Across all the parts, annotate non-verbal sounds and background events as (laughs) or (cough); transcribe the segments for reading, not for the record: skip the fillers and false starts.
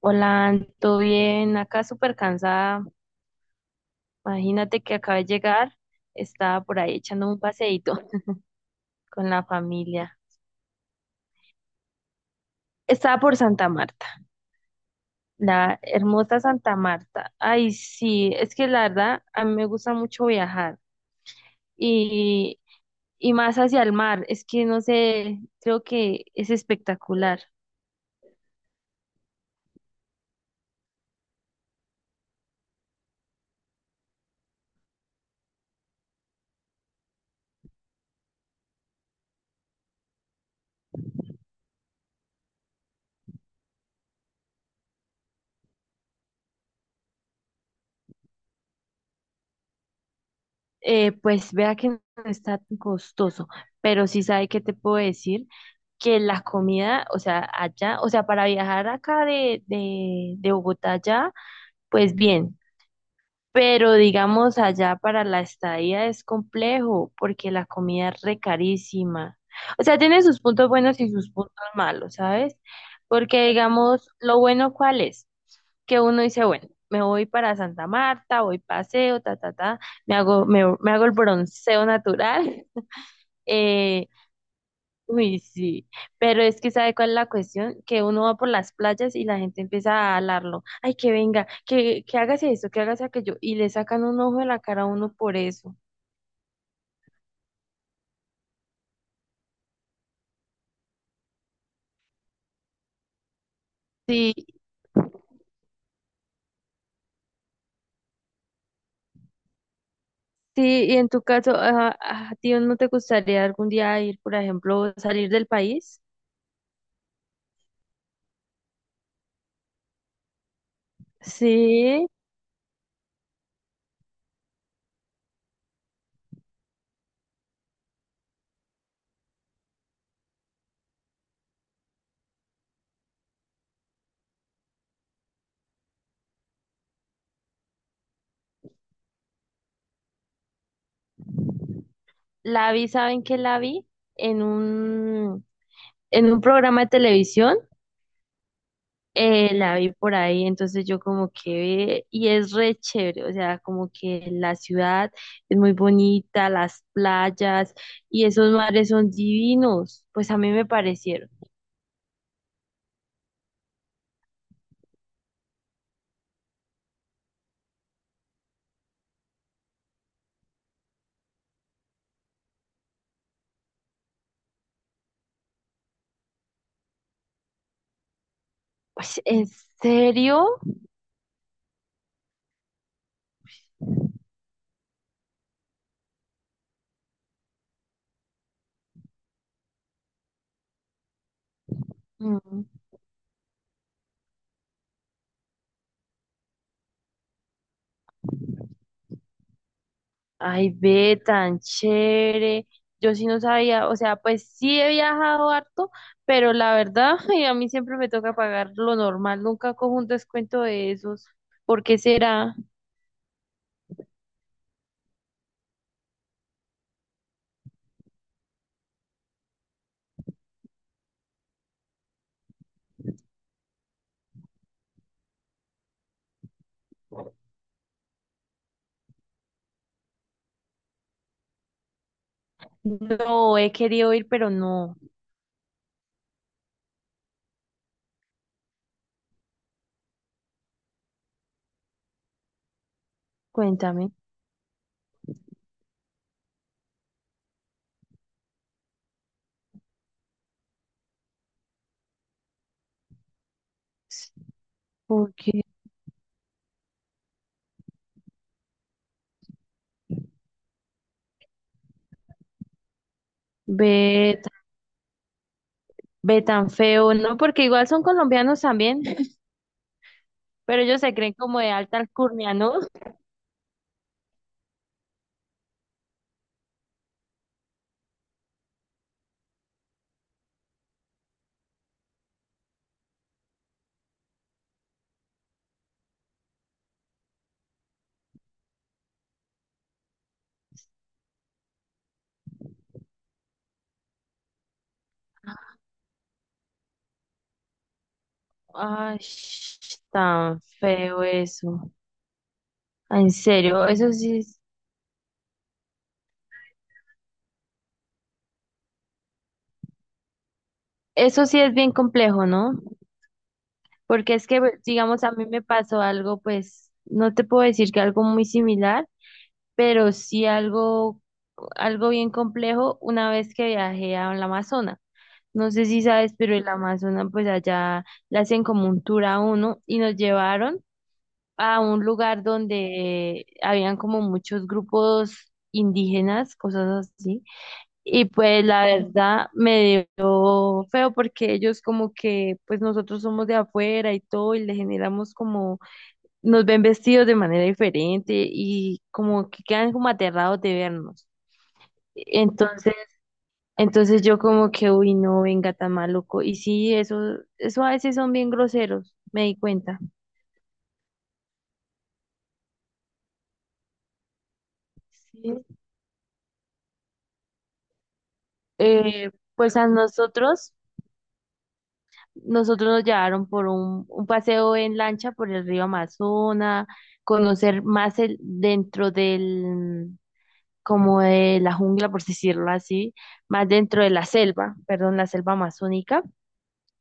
Hola, ¿todo bien? Acá súper cansada. Imagínate que acabé de llegar. Estaba por ahí echando un paseíto (laughs) con la familia. Estaba por Santa Marta, la hermosa Santa Marta. Ay, sí, es que la verdad a mí me gusta mucho viajar y, y más hacia el mar. Es que no sé, creo que es espectacular. Pues vea que no está tan costoso, pero sí sabe que te puedo decir que la comida, o sea, allá, o sea, para viajar acá de Bogotá allá, pues bien, pero digamos allá para la estadía es complejo porque la comida es re carísima. O sea, tiene sus puntos buenos y sus puntos malos, ¿sabes? Porque digamos, lo bueno cuál es, que uno dice, bueno, me voy para Santa Marta, voy paseo, ta, ta, ta, me hago el bronceo natural. (laughs) eh, Uy, sí, pero es que ¿sabe cuál es la cuestión? Que uno va por las playas y la gente empieza a hablarlo. Ay, que venga, que hágase eso, que hágase aquello. Y le sacan un ojo de la cara a uno por eso. Sí, sí, y en tu caso, ajá, ¿a ti no te gustaría algún día ir, por ejemplo, salir del país? Sí, la vi, ¿saben qué la vi? En un, en un programa de televisión. La vi por ahí, entonces yo como que, y es re chévere, o sea, como que la ciudad es muy bonita, las playas y esos mares son divinos, pues a mí me parecieron. Pues, ¿en serio? Mm. Ay, ve, tan chévere. Yo sí no sabía, o sea, pues sí he viajado harto, pero la verdad, (laughs) ay, a mí siempre me toca pagar lo normal, nunca cojo un descuento de esos. ¿Por qué será? No, he querido ir, pero no. Cuéntame. Porque ve, ve tan feo, ¿no? Porque igual son colombianos también, pero ellos se creen como de alta alcurnia, ¿no? Ay, sh- tan feo eso. Ah, en serio, eso sí es bien complejo, ¿no? Porque es que, pues, digamos, a mí me pasó algo, pues, no te puedo decir que algo muy similar, pero sí algo, algo bien complejo una vez que viajé a la Amazonas. No sé si sabes, pero el Amazonas, pues allá le hacen como un tour a uno y nos llevaron a un lugar donde habían como muchos grupos indígenas, cosas así. Y pues la verdad me dio feo porque ellos como que, pues nosotros somos de afuera y todo y le generamos como, nos ven vestidos de manera diferente y como que quedan como aterrados de vernos. Entonces entonces yo como que, uy, no, venga, tan maluco. Y sí, eso a veces son bien groseros, me di cuenta. Sí. Eh, pues a nosotros nos llevaron por un paseo en lancha por el río Amazonas, conocer más el, dentro del, como de la jungla, por decirlo así, más dentro de la selva, perdón, la selva amazónica.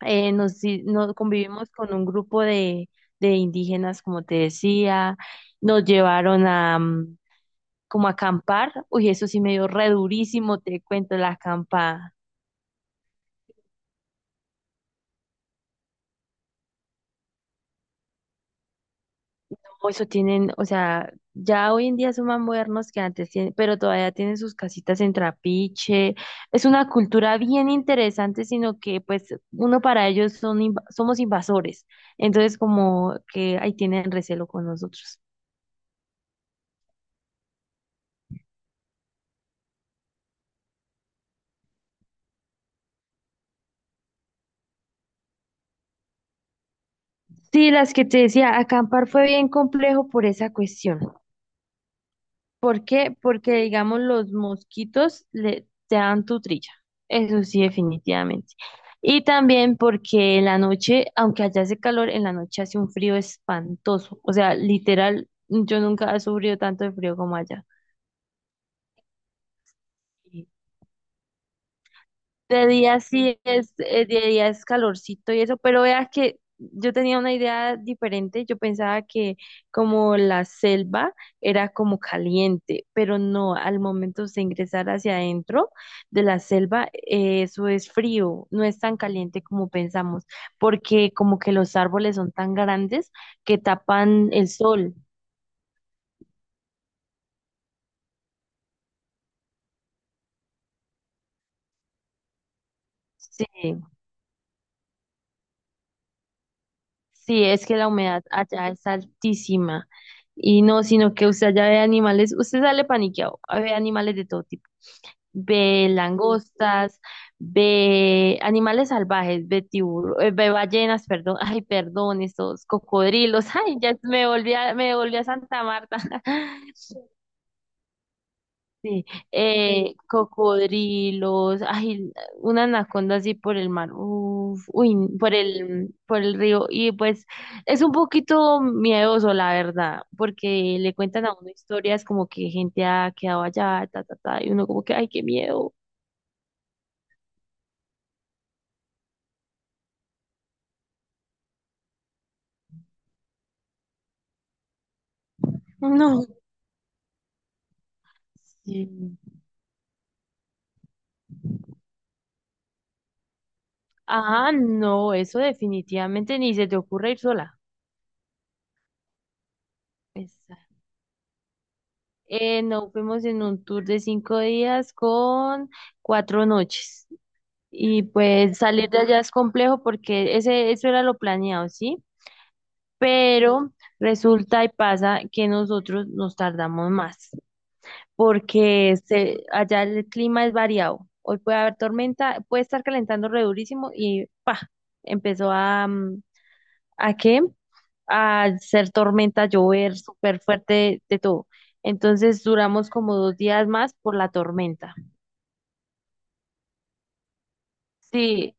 Nos convivimos con un grupo de indígenas, como te decía, nos llevaron a como a acampar, uy, eso sí me dio re durísimo, te cuento la acampada. O eso tienen, o sea, ya hoy en día son más modernos que antes, tienen- pero todavía tienen sus casitas en trapiche. Es una cultura bien interesante, sino que pues uno para ellos son inv- somos invasores. Entonces como que ahí tienen recelo con nosotros. Sí, las que te decía, acampar fue bien complejo por esa cuestión. ¿Por qué? Porque, digamos, los mosquitos le, te dan tu trilla. Eso sí, definitivamente. Y también porque en la noche, aunque allá hace calor, en la noche hace un frío espantoso. O sea, literal, yo nunca he sufrido tanto de frío como allá. De día sí es, de día es calorcito y eso, pero vea que yo tenía una idea diferente, yo pensaba que como la selva era como caliente, pero no, al momento de ingresar hacia adentro de la selva, eso es frío, no es tan caliente como pensamos, porque como que los árboles son tan grandes que tapan el sol. Sí. Sí, es que la humedad allá es altísima. Y no, sino que usted allá ve animales, usted sale paniqueado, ve animales de todo tipo. Ve langostas, ve animales salvajes, ve tiburones, ve ballenas, perdón, (laughs) ay, perdón, estos cocodrilos. (laughs) Ay, ya me volví a Santa Marta. (laughs) Sí, cocodrilos, ay, una anaconda así por el mar, uf, uy, por el río, y pues es un poquito miedoso, la verdad, porque le cuentan a uno historias como que gente ha quedado allá, ta, ta, ta, y uno como que, ay, qué miedo, no, sí, ah no, eso definitivamente ni se te ocurre ir sola. Exacto. No, fuimos en un tour de 5 días con 4 noches. Y pues salir de allá es complejo porque ese, eso era lo planeado, ¿sí? Pero resulta y pasa que nosotros nos tardamos más porque se- allá el clima es variado. Hoy puede haber tormenta, puede estar calentando re durísimo y pa, empezó a, ¿a qué? A ser tormenta, llover súper fuerte de todo. Entonces duramos como 2 días más por la tormenta. Sí,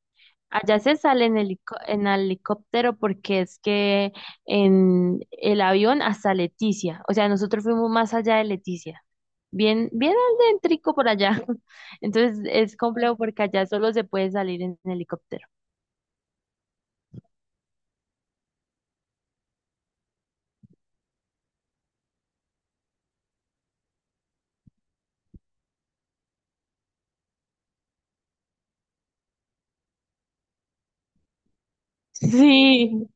allá se sale en helicóptero porque es que en el avión hasta Leticia, o sea, nosotros fuimos más allá de Leticia, bien, bien adéntrico por allá. (laughs) Entonces es complejo porque allá solo se puede salir en helicóptero. Sí.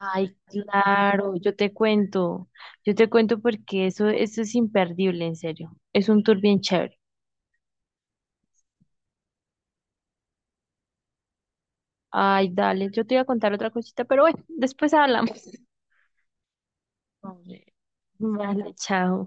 Ay, claro, yo te cuento porque eso es imperdible, en serio, es un tour bien chévere. Ay, dale, yo te iba a contar otra cosita, pero bueno, después hablamos. Vale, vale, chao.